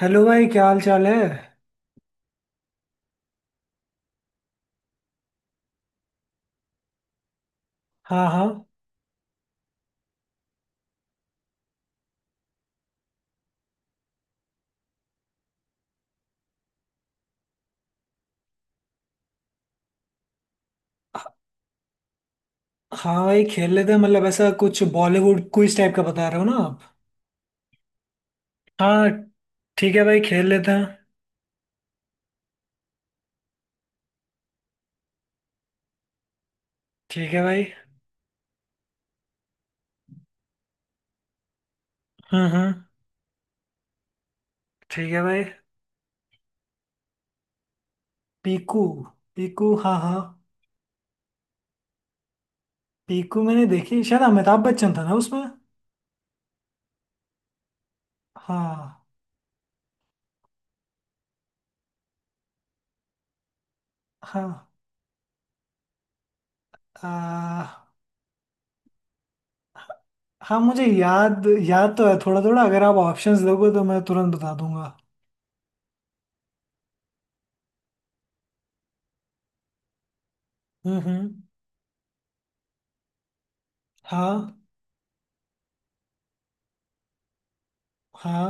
Hello भाई, क्या हाल चाल है। हाँ हाँ। हाँ भाई, खेल लेते हैं। मतलब ऐसा कुछ बॉलीवुड क्विज टाइप का बता रहे हो ना आप। हाँ। ठीक है भाई, खेल लेते हैं। ठीक है भाई। हम्म। ठीक है भाई। पीकू। पीकू हाँ हाँ। पीकू मैंने देखी, शायद अमिताभ बच्चन था ना उसमें। हाँ हाँ। आ, हाँ, मुझे याद याद तो है थोड़ा थोड़ा। अगर आप ऑप्शंस दोगे तो मैं तुरंत बता दूंगा। हम्म। हाँ हाँ।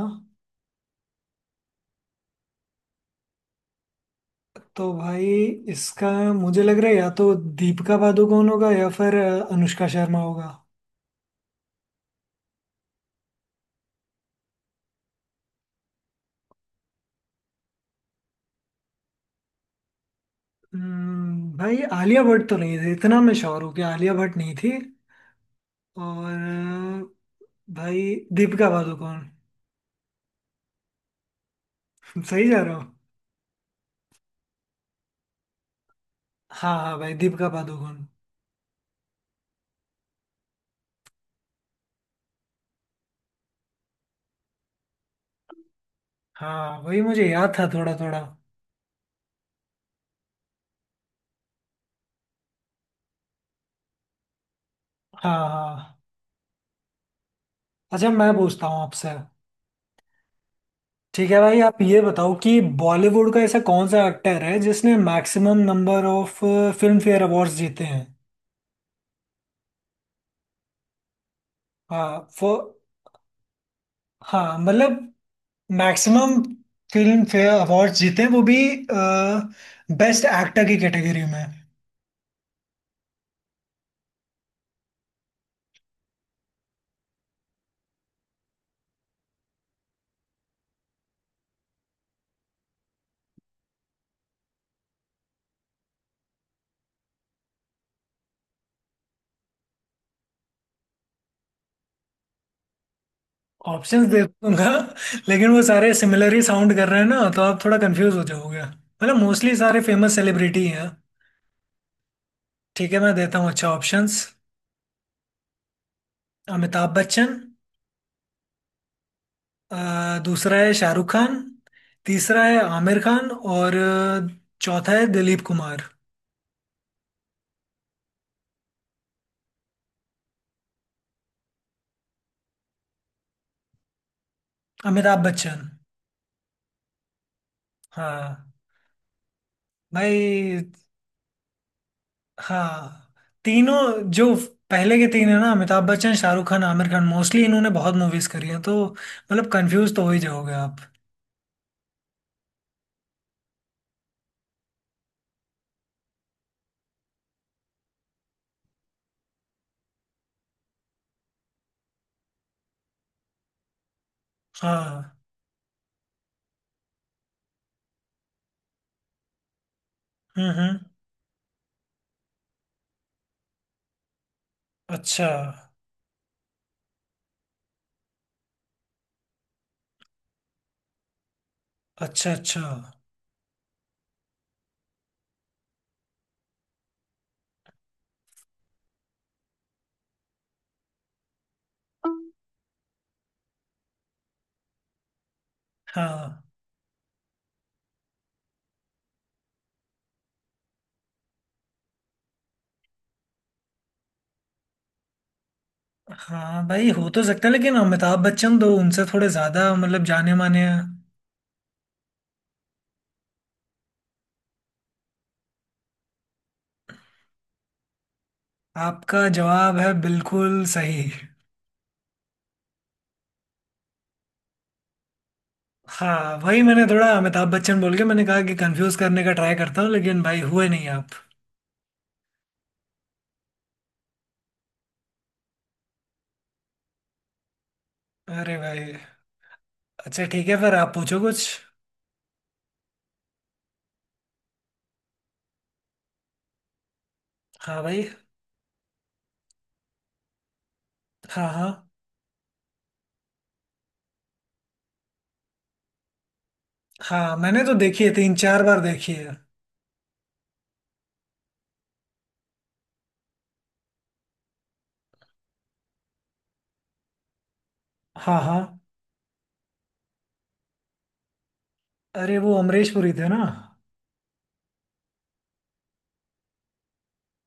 तो भाई, इसका मुझे लग रहा है या तो दीपिका पादुकोण होगा या फिर अनुष्का शर्मा होगा। भाई आलिया भट्ट तो नहीं थी, इतना मैं श्योर हूँ कि आलिया भट्ट नहीं थी। और अ, भाई दीपिका पादुकोण। सही जा रहा हूँ। हाँ हाँ भाई, दीपिका पादुकोण। हाँ वही मुझे याद था थोड़ा थोड़ा। हाँ हाँ। अच्छा, मैं पूछता हूँ आपसे। ठीक है भाई, आप ये बताओ कि बॉलीवुड का ऐसा कौन सा एक्टर है जिसने maximum number of Filmfare awards जीते हैं। हाँ हाँ, मतलब मैक्सिमम फिल्म फेयर अवार्ड जीते हैं वो भी बेस्ट एक्टर की कैटेगरी में। ऑप्शंस दे दूंगा। लेकिन वो सारे सिमिलर ही साउंड कर रहे हैं ना, तो आप थोड़ा कंफ्यूज हो जाओगे, मतलब मोस्टली सारे फेमस सेलिब्रिटी हैं। ठीक है, मैं देता हूँ अच्छा ऑप्शंस। अमिताभ बच्चन। दूसरा है शाहरुख खान। तीसरा है आमिर खान, और चौथा है दिलीप कुमार। अमिताभ बच्चन। हाँ भाई। हाँ, तीनों जो पहले के तीन है ना, अमिताभ बच्चन शाहरुख खान आमिर खान, मोस्टली इन्होंने बहुत मूवीज करी हैं, तो मतलब कंफ्यूज तो हो ही जाओगे आप। हाँ। हम्म। अच्छा अच्छा अच्छा। हाँ हाँ भाई, हो तो सकता है लेकिन अमिताभ बच्चन तो उनसे थोड़े ज्यादा मतलब जाने माने हैं। आपका जवाब है बिल्कुल सही। हाँ वही, मैंने थोड़ा अमिताभ बच्चन बोल के मैंने कहा कि कंफ्यूज करने का ट्राई करता हूँ, लेकिन भाई हुए नहीं आप। अरे भाई। अच्छा ठीक है, फिर आप पूछो कुछ। हाँ भाई। हाँ हाँ। हाँ मैंने तो देखी है, तीन चार बार देखी है। हाँ हाँ। अरे वो अमरीश पुरी थे ना।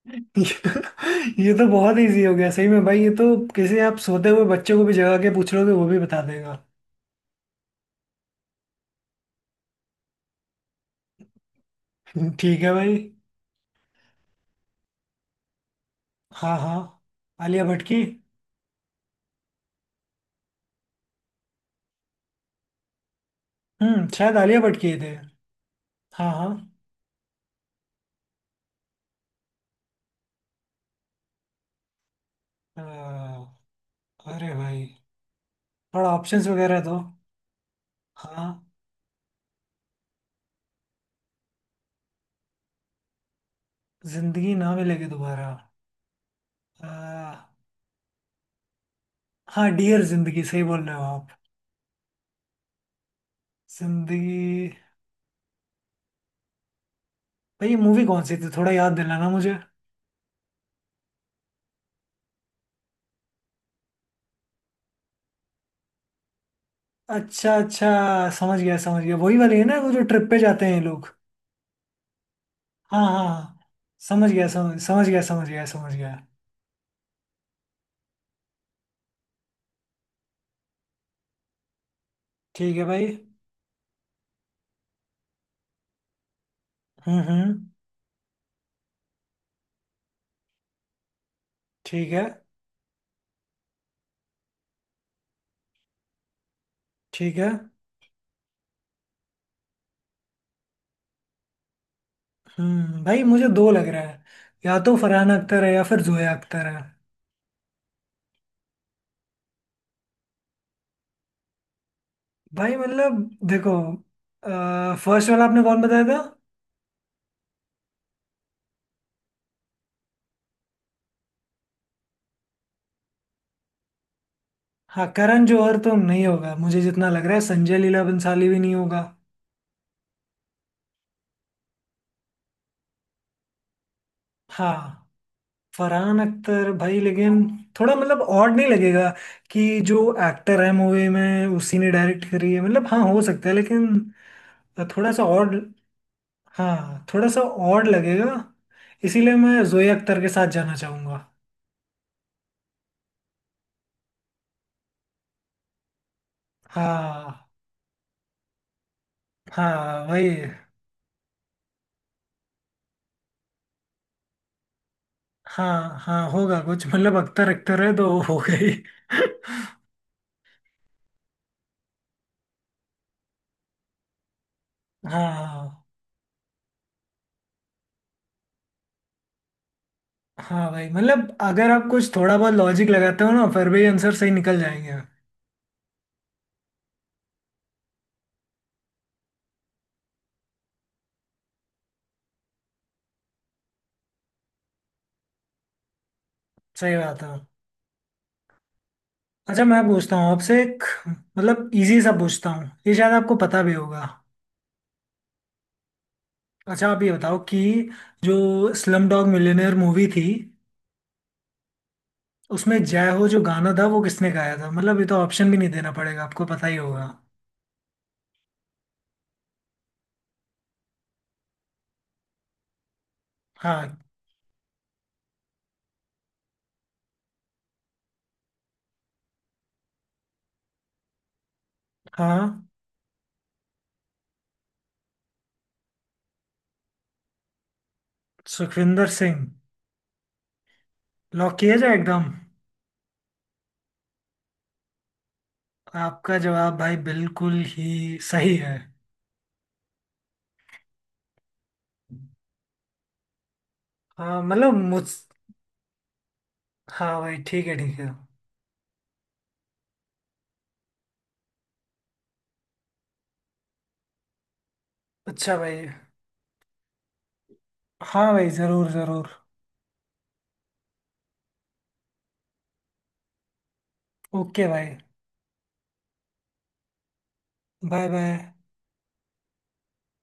ये तो बहुत इजी हो गया, सही में भाई, ये तो किसी आप सोते हुए बच्चे को भी जगा के पूछ लोगे वो भी बता देगा। ठीक है भाई। हाँ हाँ। आलिया भट्ट की। हम्म, शायद आलिया भट्ट की ही थे। हाँ हाँ। अ, अरे भाई, थोड़ा ऑप्शंस वगैरह दो। हाँ। जिंदगी ना मिलेगी दोबारा। अ, हाँ, डियर जिंदगी सही बोल रहे हो आप। जिंदगी। भाई ये मूवी कौन सी थी, थोड़ा याद दिलाना मुझे। अच्छा अच्छा, समझ गया समझ गया। वही वाली है ना वो, जो ट्रिप पे जाते हैं ये लोग। हाँ हाँ हाँ, समझ गया समझ गया समझ गया। ठीक है भाई। हम्म। ठीक है ठीक है। हम्म, भाई मुझे दो लग रहा है, या तो फरहान अख्तर है या फिर जोया अख्तर है। भाई मतलब देखो, फर्स्ट वाला आपने कौन बताया था। हाँ, करण जौहर तो नहीं होगा, मुझे जितना लग रहा है संजय लीला भंसाली भी नहीं होगा। हाँ। फरहान अख्तर भाई, लेकिन थोड़ा मतलब ऑड नहीं लगेगा कि जो एक्टर है मूवी में उसी ने डायरेक्ट करी है, मतलब हाँ हो सकता है लेकिन थोड़ा सा ऑड। हाँ, थोड़ा सा ऑड लगेगा, इसीलिए मैं जोया अख्तर के साथ जाना चाहूंगा। हाँ। हाँ वही। हाँ हाँ होगा कुछ, मतलब अख्तर अख्तर है तो हो गई। हाँ। हाँ भाई, मतलब अगर आप कुछ थोड़ा बहुत लॉजिक लगाते हो ना, फिर भी आंसर सही निकल जाएंगे। सही बात है। अच्छा मैं पूछता हूँ आपसे एक, मतलब इजी सा पूछता हूँ, ये शायद आपको पता भी होगा। अच्छा आप ये बताओ कि जो स्लम डॉग मिलियनेयर मूवी थी उसमें जय हो जो गाना था वो किसने गाया था, मतलब ये तो ऑप्शन भी नहीं देना पड़ेगा, आपको पता ही होगा। हाँ। हाँ, सुखविंदर सिंह। लॉक किया जाए एकदम। आपका जवाब भाई बिल्कुल ही सही है। हाँ मतलब मुझ। हाँ भाई ठीक है ठीक है। अच्छा भाई। हाँ भाई ज़रूर ज़रूर। ओके भाई। Bye bye.